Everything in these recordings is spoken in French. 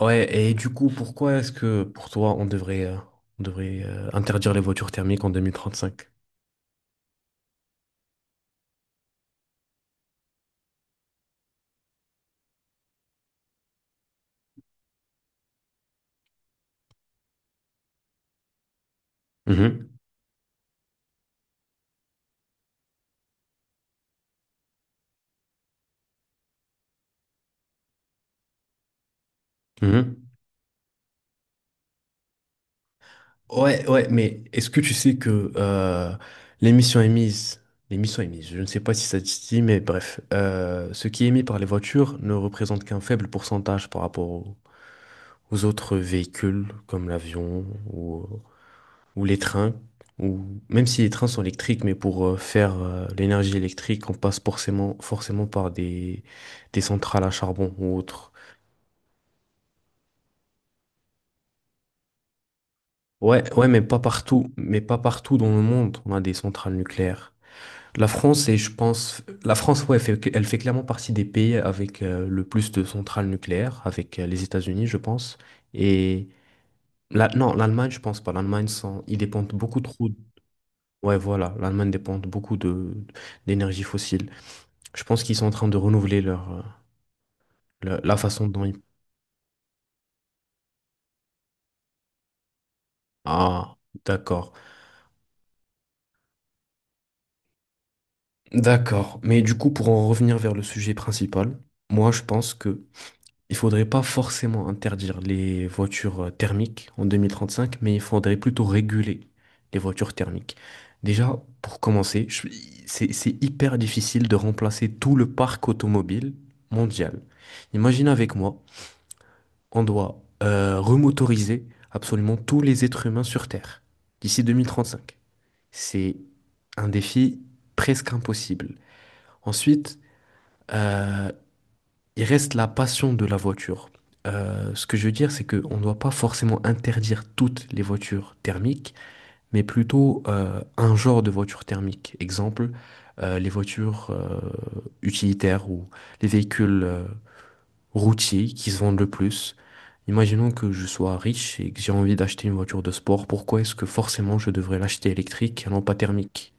Ouais, et du coup, pourquoi est-ce que pour toi, on devrait interdire les voitures thermiques en 2035? Mhm, mhm. Ouais, ouais, mais est-ce que tu sais que l'émission émise, je ne sais pas si ça te dit, mais bref, ce qui est émis par les voitures ne représente qu'un faible pourcentage par rapport aux autres véhicules comme l'avion, ou, ou les trains, ou même si les trains sont électriques, mais pour faire l'énergie électrique, on passe forcément par des centrales à charbon ou autres. Ouais, ouais, mais pas partout dans le monde, on a des centrales nucléaires. La France, et je pense, la France, ouais, elle fait clairement partie des pays avec le plus de centrales nucléaires, avec les États-Unis, je pense. Et non, l'Allemagne, je pense pas. L'Allemagne, ils dépendent beaucoup trop. Ouais, voilà, l'Allemagne dépend beaucoup de d'énergie fossile. Je pense qu'ils sont en train de renouveler leur, la façon dont ils... Ah, d'accord. D'accord. Mais du coup, pour en revenir vers le sujet principal, moi, je pense que il faudrait pas forcément interdire les voitures thermiques en 2035, mais il faudrait plutôt réguler les voitures thermiques. Déjà, pour commencer, c'est hyper difficile de remplacer tout le parc automobile mondial. Imagine avec moi on doit remotoriser absolument tous les êtres humains sur Terre d'ici 2035. C'est un défi presque impossible. Ensuite, euh, il reste la passion de la voiture. Ce que je veux dire, c'est qu'on ne doit pas forcément interdire toutes les voitures thermiques, mais plutôt un genre de voiture thermique. Exemple, les voitures utilitaires ou les véhicules routiers qui se vendent le plus. Imaginons que je sois riche et que j'ai envie d'acheter une voiture de sport, pourquoi est-ce que forcément je devrais l'acheter électrique et non pas thermique?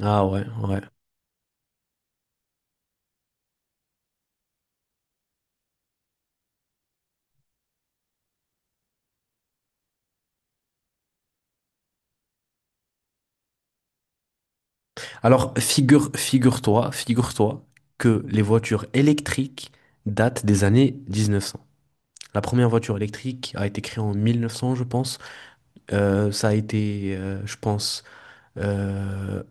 Ah ouais, ouais. Alors figure-toi que les voitures électriques datent des années 1900. La première voiture électrique a été créée en 1900, je pense. Ça a été, je pense, euh,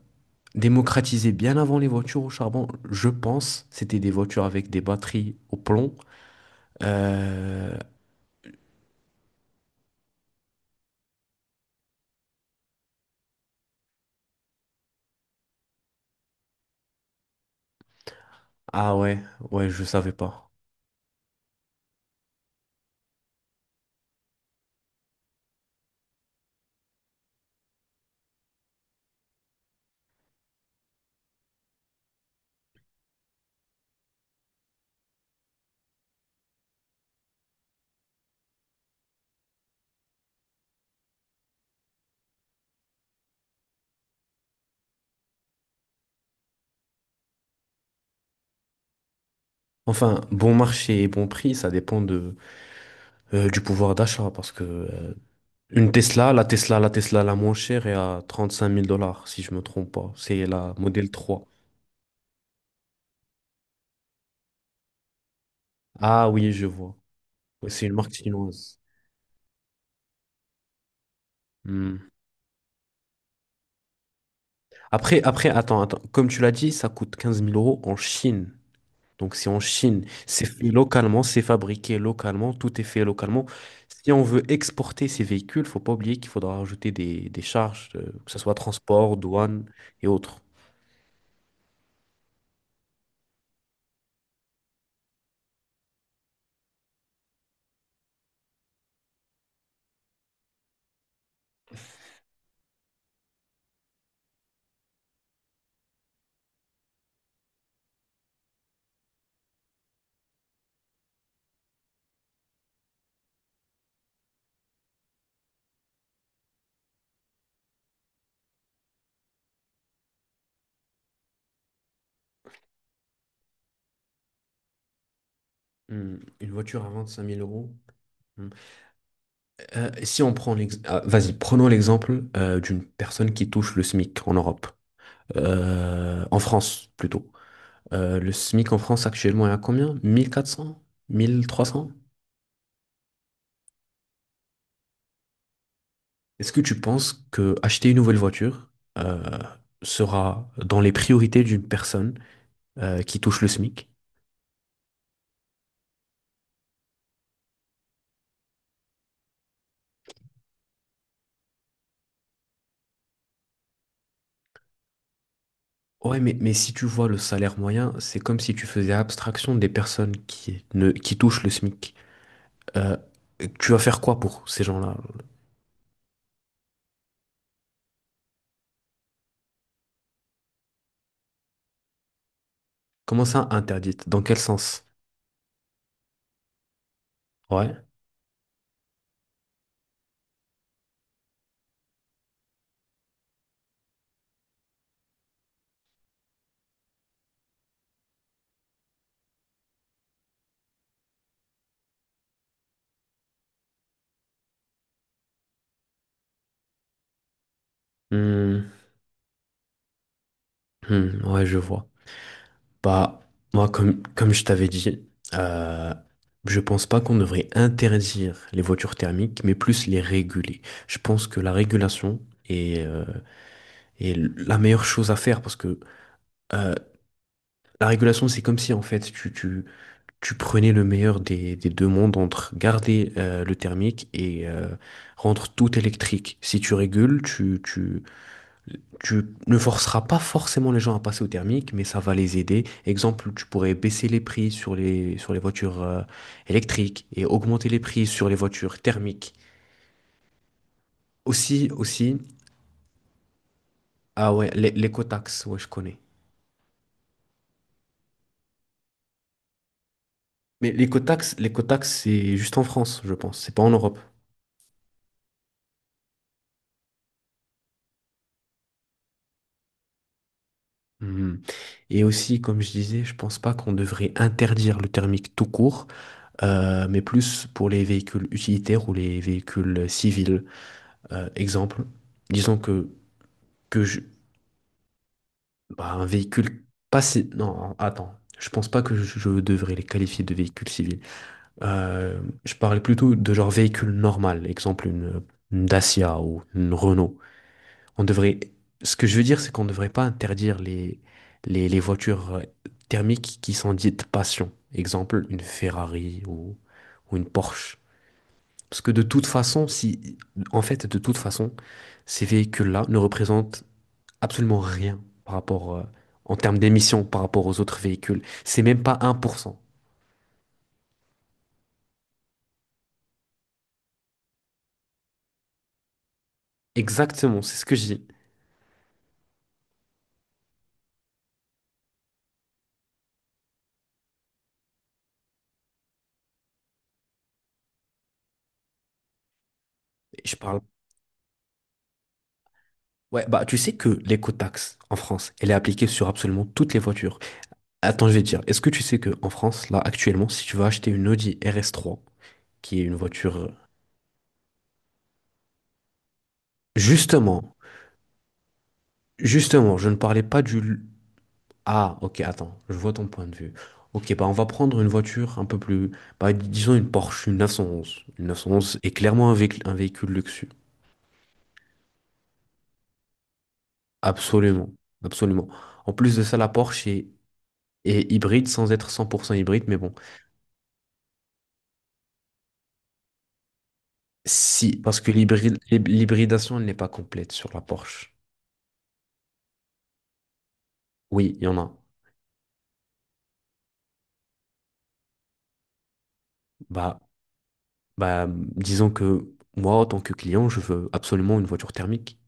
démocratisé bien avant les voitures au charbon. Je pense, c'était des voitures avec des batteries au plomb. Euh, Ah ouais, ouais, je savais pas. Enfin, bon marché et bon prix, ça dépend du pouvoir d'achat parce que une Tesla, la Tesla, la Tesla la moins chère est à trente cinq mille dollars, si je me trompe pas. C'est la modèle 3. Ah oui, je vois. Ouais, c'est une marque chinoise. Hmm. Attends. Comme tu l'as dit, ça coûte 15 000 € en Chine. Donc c'est en Chine, c'est fait localement, c'est fabriqué localement, tout est fait localement. Si on veut exporter ces véhicules, faut pas oublier qu'il faudra rajouter des charges, que ce soit transport, douane et autres. Hmm. Une voiture à 25 000 euros. Hmm. Si on prend l'exemple, vas-y, prenons l'exemple d'une personne qui touche le SMIC en Europe. En France plutôt. Le SMIC en France actuellement est à combien? 1400? 1300? Est-ce que tu penses que acheter une nouvelle voiture euh, sera dans les priorités d'une personne qui touche le SMIC? Ouais, mais si tu vois le salaire moyen, c'est comme si tu faisais abstraction des personnes qui, ne, qui touchent le SMIC. Euh, tu vas faire quoi pour ces gens-là? Comment ça interdite? Dans quel sens? Ouais. Hmm, hmm, ouais, je vois. Bah, moi, comme je t'avais dit, euh, je pense pas qu'on devrait interdire les voitures thermiques, mais plus les réguler. Je pense que la régulation est, est la meilleure chose à faire parce que euh, la régulation, c'est comme si en fait tu prenais le meilleur des deux mondes entre garder le thermique et rendre tout électrique. Si tu régules, tu ne forceras pas forcément les gens à passer au thermique, mais ça va les aider. Exemple, tu pourrais baisser les prix sur sur les voitures électriques et augmenter les prix sur les voitures thermiques. Aussi, aussi, ah ouais, l'écotaxe, ouais, je connais. Mais l'écotaxe, c'est juste en France, je pense. C'est pas en Europe. Mhm. Et aussi, comme je disais, je pense pas qu'on devrait interdire le thermique tout court, mais plus pour les véhicules utilitaires ou les véhicules civils. Exemple, disons que que je- bah, un véhicule passé. Non, attends. Je pense pas que je devrais les qualifier de véhicules civils. Je parlais plutôt de genre véhicule normal, exemple une Dacia ou une Renault. On devrait... Ce que je veux dire, c'est qu'on ne devrait pas interdire les voitures thermiques qui sont dites passion. Exemple, une Ferrari, ou une Porsche. Parce que de toute façon, si... En fait, de toute façon, ces véhicules-là ne représentent absolument rien par rapport, en termes d'émissions par rapport aux autres véhicules. C'est même pas un pour cent. Exactement, c'est ce que je dis. Je parle. Ouais, bah, tu sais que l'écotaxe en France, elle est appliquée sur absolument toutes les voitures. Attends, je vais te dire, est-ce que tu sais que en France, là, actuellement, si tu vas acheter une Audi RS3, qui est une voiture, Justement, justement, je ne parlais pas ah, ok, attends, je vois ton point de vue. Ok, bah on va prendre une voiture un peu plus, bah, disons une Porsche, une 911. Une 911 est clairement un véhicule luxueux. Absolument, absolument. En plus de ça, est hybride sans être 100% hybride, mais bon, si, parce que l'hybridation elle n'est pas complète sur la Porsche. Oui, il y en a. Bah, disons que moi, en tant que client, je veux absolument une voiture thermique.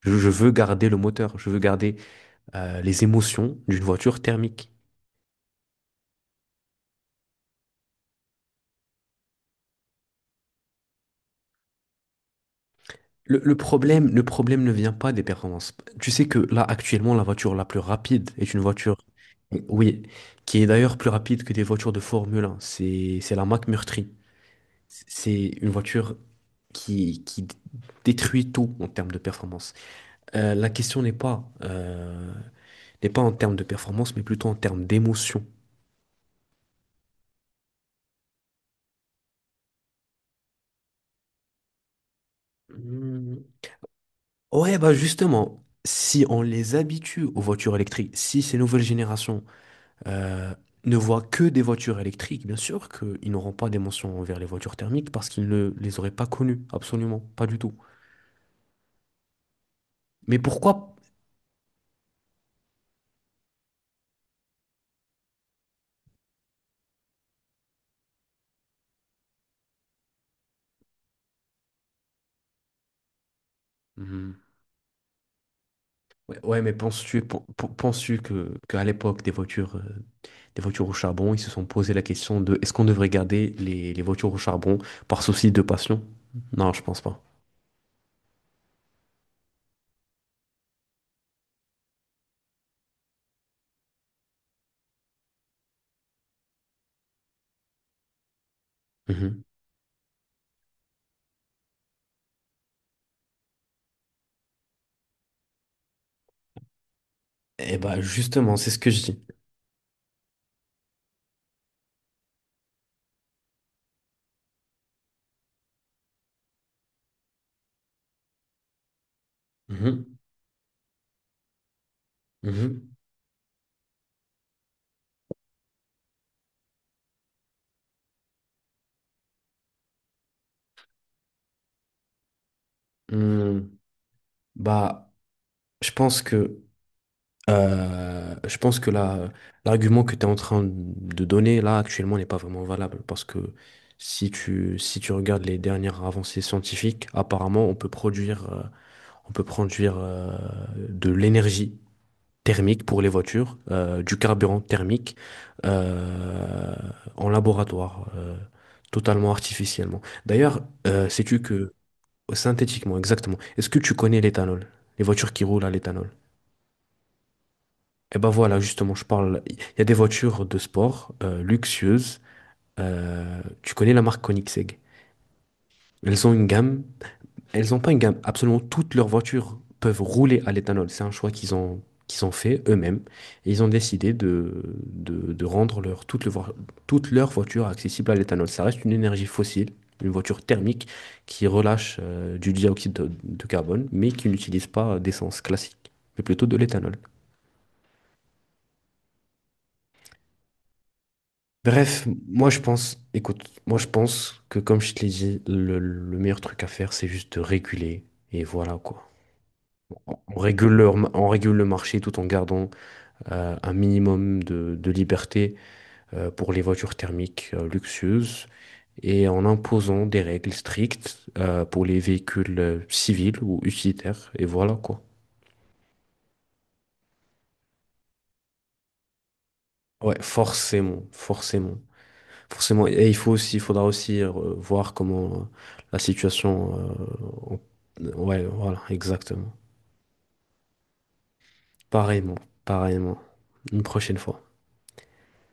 Je veux garder le moteur, je veux garder les émotions d'une voiture thermique. Le problème ne vient pas des performances. Tu sais que là, actuellement, la voiture la plus rapide est oui, qui est d'ailleurs plus rapide que des voitures de Formule 1. C'est la Mac Murtry. C'est une voiture qui détruit tout en termes de performance. La question n'est pas en termes de performance, mais plutôt en termes d'émotion. Hmm. Ouais, bah justement, si on les habitue aux voitures électriques, si ces nouvelles générations euh, ne voient que des voitures électriques, bien sûr qu'ils n'auront pas des mentions envers les voitures thermiques parce qu'ils ne les auraient pas connues, absolument, pas du tout. Mais pourquoi? Mhm. Ouais, ouais, mais penses-tu que qu'à l'époque des voitures au charbon, ils se sont posé la question de est-ce qu'on devrait garder les voitures au charbon par souci de passion? Non, je pense pas. Mhm. Eh bah justement, c'est ce que je dis. Mhm. Mhm. Hmm. Bah, je pense que je pense que là, l'argument que tu es en train de donner là actuellement n'est pas vraiment valable parce que si tu regardes les dernières avancées scientifiques, apparemment on peut produire de l'énergie thermique pour les voitures, du carburant thermique euh, en laboratoire, totalement artificiellement. D'ailleurs, sais-tu que, synthétiquement, exactement, est-ce que tu connais l'éthanol, les voitures qui roulent à l'éthanol? Et ben voilà, justement, je parle. Il y a des voitures de sport luxueuses. Tu connais la marque Koenigsegg. Elles ont une gamme. Elles n'ont pas une gamme. Absolument toutes leurs voitures peuvent rouler à l'éthanol. C'est un choix qu'ils ont fait eux-mêmes. Et ils ont décidé de rendre leur, toutes, les voi- toutes leurs voitures accessibles à l'éthanol. Ça reste une énergie fossile, une voiture thermique qui relâche du dioxyde de carbone, mais qui n'utilise pas d'essence classique, mais plutôt de l'éthanol. Bref, moi je pense, écoute, moi je pense que comme je te l'ai dit, le meilleur truc à faire, c'est juste de réguler. Et voilà quoi. On régule le marché tout en gardant un minimum de liberté pour les voitures thermiques luxueuses et en imposant des règles strictes pour les véhicules civils ou utilitaires. Et voilà quoi. Ouais, forcément, forcément. Forcément, et il faudra aussi voir comment la situation Ouais, voilà, exactement. Pareillement, pareillement. Une prochaine fois.